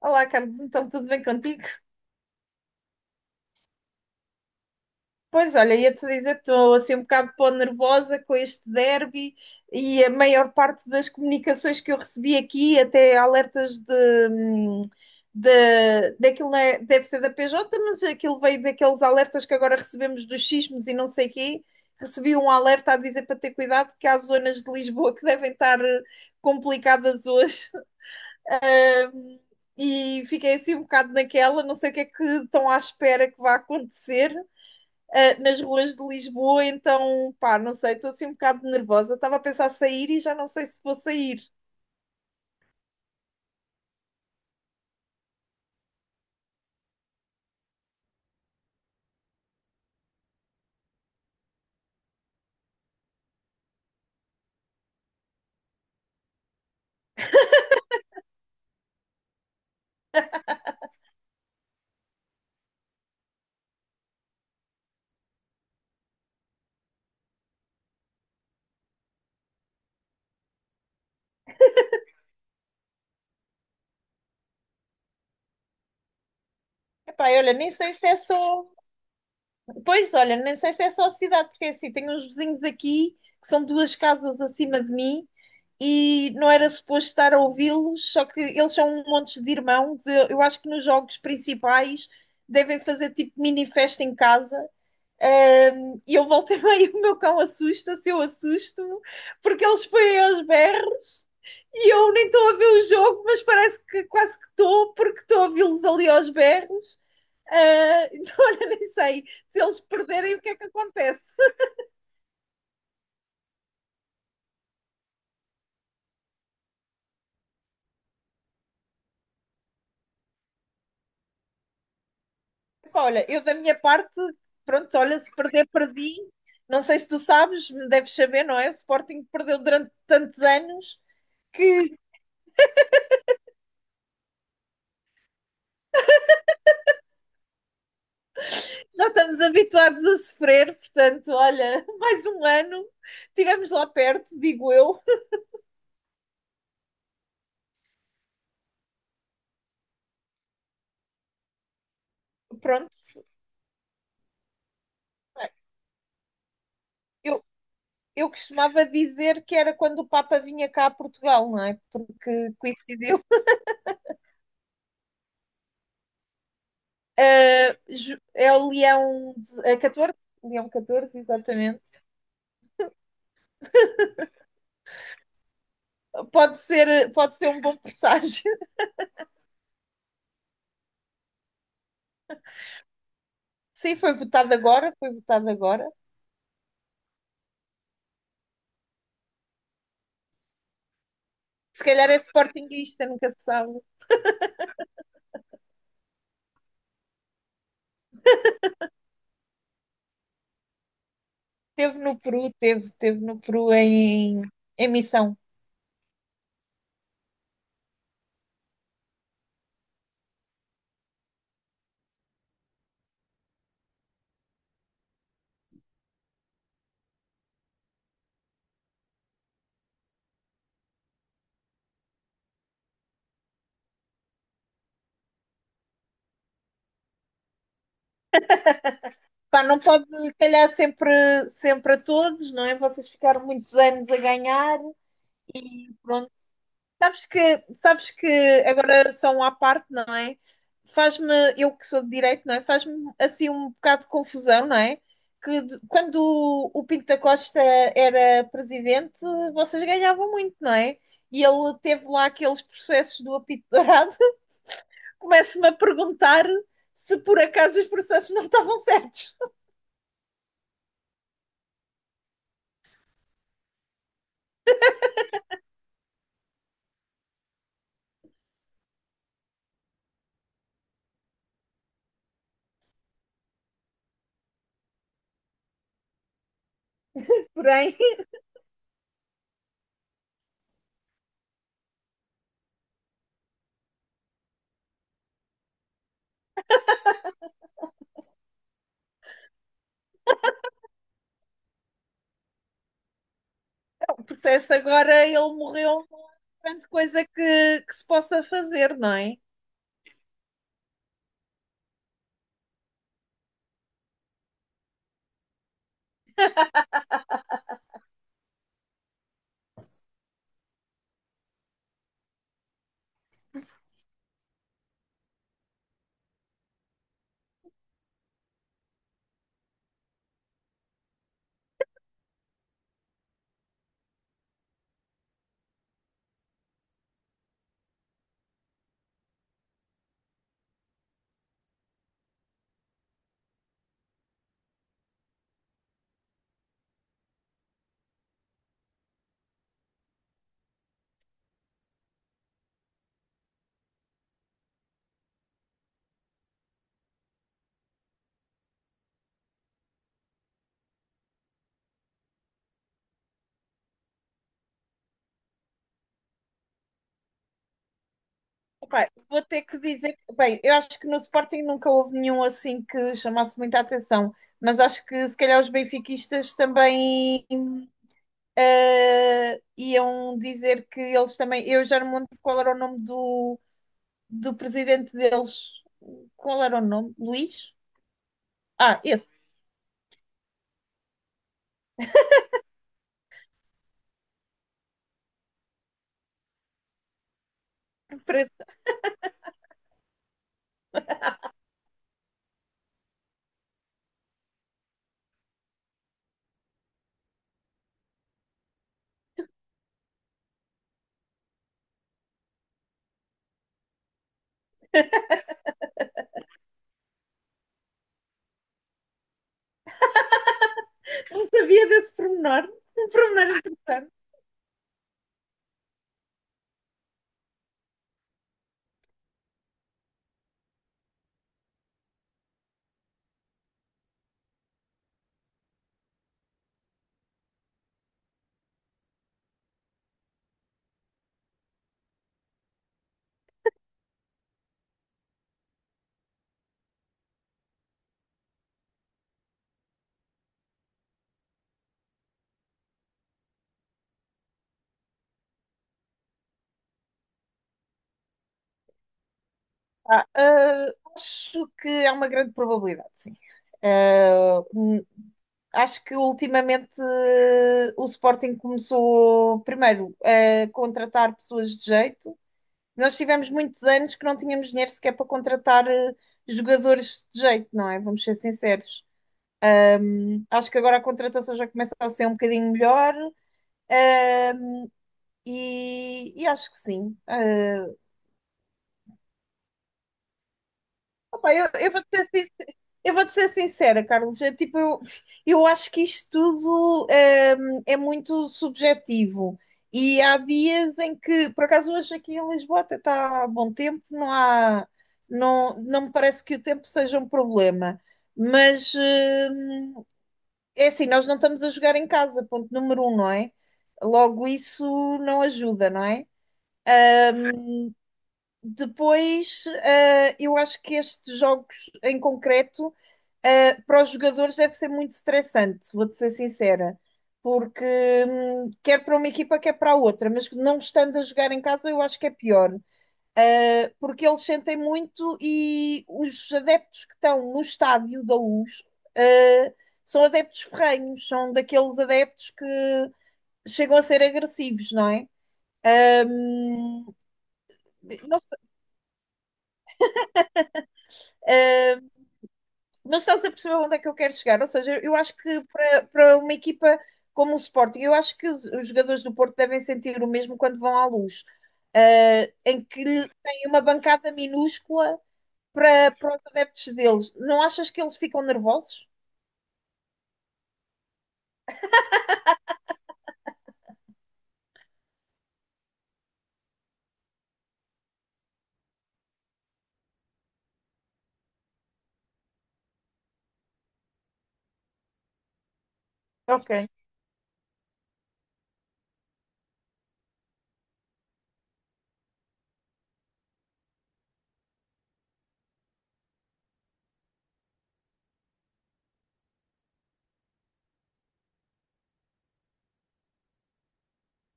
Olá, Carlos, então tudo bem contigo? Pois olha, ia-te dizer, estou assim um bocado pó nervosa com este derby e a maior parte das comunicações que eu recebi aqui, até alertas hum, de daquilo não é- deve ser da PJ, mas aquilo veio daqueles alertas que agora recebemos dos sismos e não sei quê. Recebi um alerta a dizer para ter cuidado que há zonas de Lisboa que devem estar complicadas hoje e fiquei assim um bocado naquela, não sei o que é que estão à espera que vá acontecer. Nas ruas de Lisboa, então, pá, não sei, estou assim um bocado nervosa. Estava a pensar sair e já não sei se vou sair. Epá, olha, nem sei se é só. Pois, olha, nem sei se é só a cidade, porque é assim, tenho uns vizinhos aqui que são duas casas acima de mim e não era suposto estar a ouvi-los, só que eles são um monte de irmãos. Eu acho que nos jogos principais devem fazer tipo mini festa em casa. E eu voltei bem, o meu cão assusta-se, eu assusto-me, porque eles põem aos berros e eu nem estou a ver o jogo, mas parece que quase que estou, porque estou a vê-los ali aos berros. Então, olha, nem sei se eles perderem o que é que acontece. Olha, eu da minha parte, pronto, olha, se perder, perdi. Não sei se tu sabes, deves saber, não é? O Sporting perdeu durante tantos anos que já estamos habituados a sofrer, portanto, olha, mais um ano, estivemos lá perto, digo eu. Pronto, eu, eu costumava dizer que era quando o Papa vinha cá a Portugal, não é? Porque coincidiu. Ah, é o Leão 14, Leão 14 exatamente. Pode ser um bom presságio. Sim, foi votado agora, foi votado agora. Se calhar é sportinguista, nunca se sabe. Teve no Peru, teve no Peru em missão. Pá, não pode calhar sempre, sempre a todos, não é? Vocês ficaram muitos anos a ganhar. Sabes que, sabes que agora só um à parte, não é? Faz-me, eu que sou de direito, não é? Faz-me assim um bocado de confusão, não é? Que quando o Pinto da Costa era presidente, vocês ganhavam muito, não é? E ele teve lá aqueles processos do apito dourado. Começo-me a perguntar se por acaso os processos não estavam certos. Porém, processo agora ele morreu, não há grande coisa que se possa fazer, não é? Epá, vou ter que dizer, bem, eu acho que no Sporting nunca houve nenhum assim que chamasse muita atenção, mas acho que se calhar os benfiquistas também iam dizer que eles também, eu já não me lembro qual era o nome do presidente deles, qual era o nome? Luís? Ah, esse, Preferência. Não sabia desse pormenor, um pormenor interessante. Ah, acho que é uma grande probabilidade, sim. Ah, acho que ultimamente o Sporting começou primeiro a contratar pessoas de jeito. Nós tivemos muitos anos que não tínhamos dinheiro sequer para contratar jogadores de jeito, não é? Vamos ser sinceros. Acho que agora a contratação já começa a ser um bocadinho melhor, ah, e acho que sim. Ah, opa, Eu vou-te ser sincera, Carlos. Eu, tipo, eu acho que isto tudo é muito subjetivo. E há dias em que, por acaso, hoje aqui em Lisboa até está bom tempo, não há, não, não me parece que o tempo seja um problema. Mas é assim, nós não estamos a jogar em casa, ponto número um, não é? Logo, isso não ajuda, não é? Depois, eu acho que estes jogos em concreto, para os jogadores deve ser muito estressante, vou-te ser sincera, porque quer para uma equipa, quer para a outra, mas não estando a jogar em casa, eu acho que é pior, porque eles sentem muito e os adeptos que estão no estádio da Luz, uh, são adeptos ferrenhos, são daqueles adeptos que chegam a ser agressivos, não é? Um, não sei, ah, mas estás a perceber onde é que eu quero chegar? Ou seja, eu acho que para uma equipa como o Sporting, eu acho que os jogadores do Porto devem sentir o mesmo quando vão à luz, em que têm uma bancada minúscula para os adeptos deles. Não achas que eles ficam nervosos? Ok.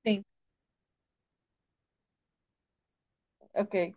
Sim, ok.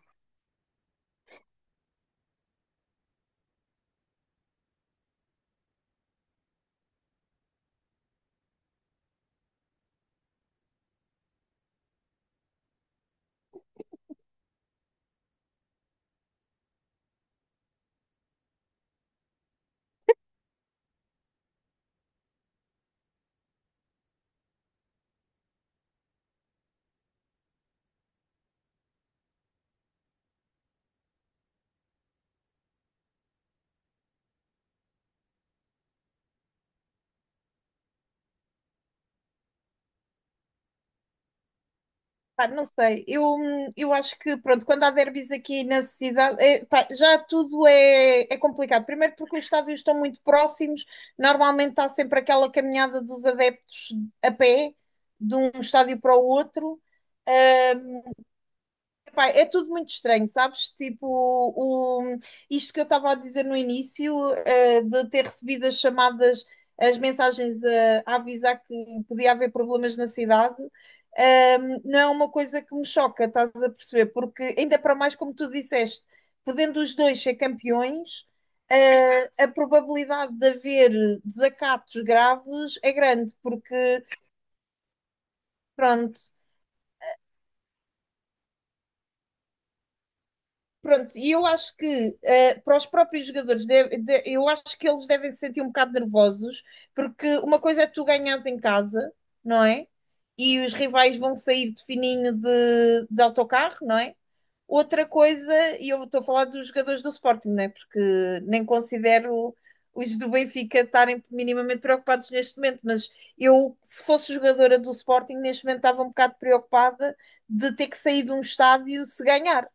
Pá, não sei, eu acho que, pronto, quando há derbys aqui na cidade, eh, pá, já tudo é complicado. Primeiro porque os estádios estão muito próximos, normalmente há sempre aquela caminhada dos adeptos a pé, de um estádio para o outro. Pá, é tudo muito estranho, sabes? Tipo, o, isto que eu estava a dizer no início, de ter recebido as chamadas, as mensagens a avisar que podia haver problemas na cidade, não é uma coisa que me choca, estás a perceber? Porque, ainda para mais, como tu disseste, podendo os dois ser campeões, a probabilidade de haver desacatos graves é grande, porque, pronto. Pronto, e eu acho que para os próprios jogadores, eu acho que eles devem se sentir um bocado nervosos, porque uma coisa é tu ganhares em casa, não é? E os rivais vão sair de fininho de autocarro, não é? Outra coisa, e eu estou a falar dos jogadores do Sporting, não é? Porque nem considero os do Benfica estarem minimamente preocupados neste momento, mas eu, se fosse jogadora do Sporting, neste momento estava um bocado preocupada de ter que sair de um estádio se ganhar.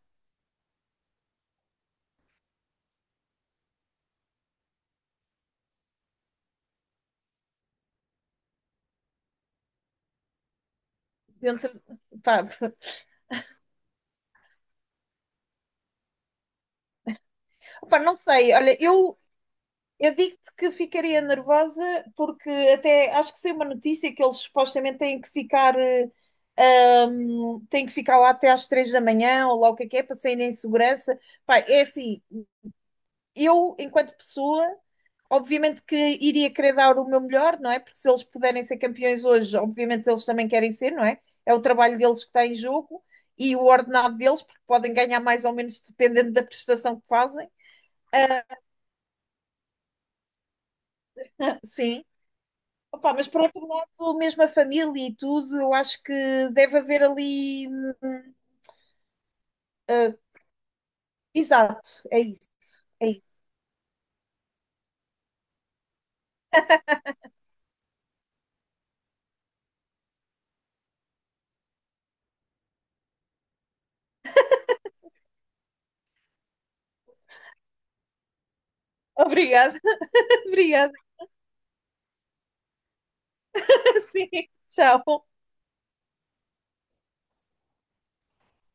Dentro. Pá, pá, não sei. Olha, eu, digo-te que ficaria nervosa porque até acho que saiu uma notícia que eles supostamente têm que ficar lá até às 3 da manhã ou lá o que é para saírem em segurança. Pá, é assim, eu, enquanto pessoa, obviamente que iria querer dar o meu melhor, não é? Porque se eles puderem ser campeões hoje, obviamente eles também querem ser, não é? É o trabalho deles que está em jogo e o ordenado deles, porque podem ganhar mais ou menos dependendo da prestação que fazem. Sim. Opa, mas por outro lado, mesmo a família e tudo, eu acho que deve haver ali. Ah, exato, é isso. É isso. Obrigada, obrigada. Sim, tchau.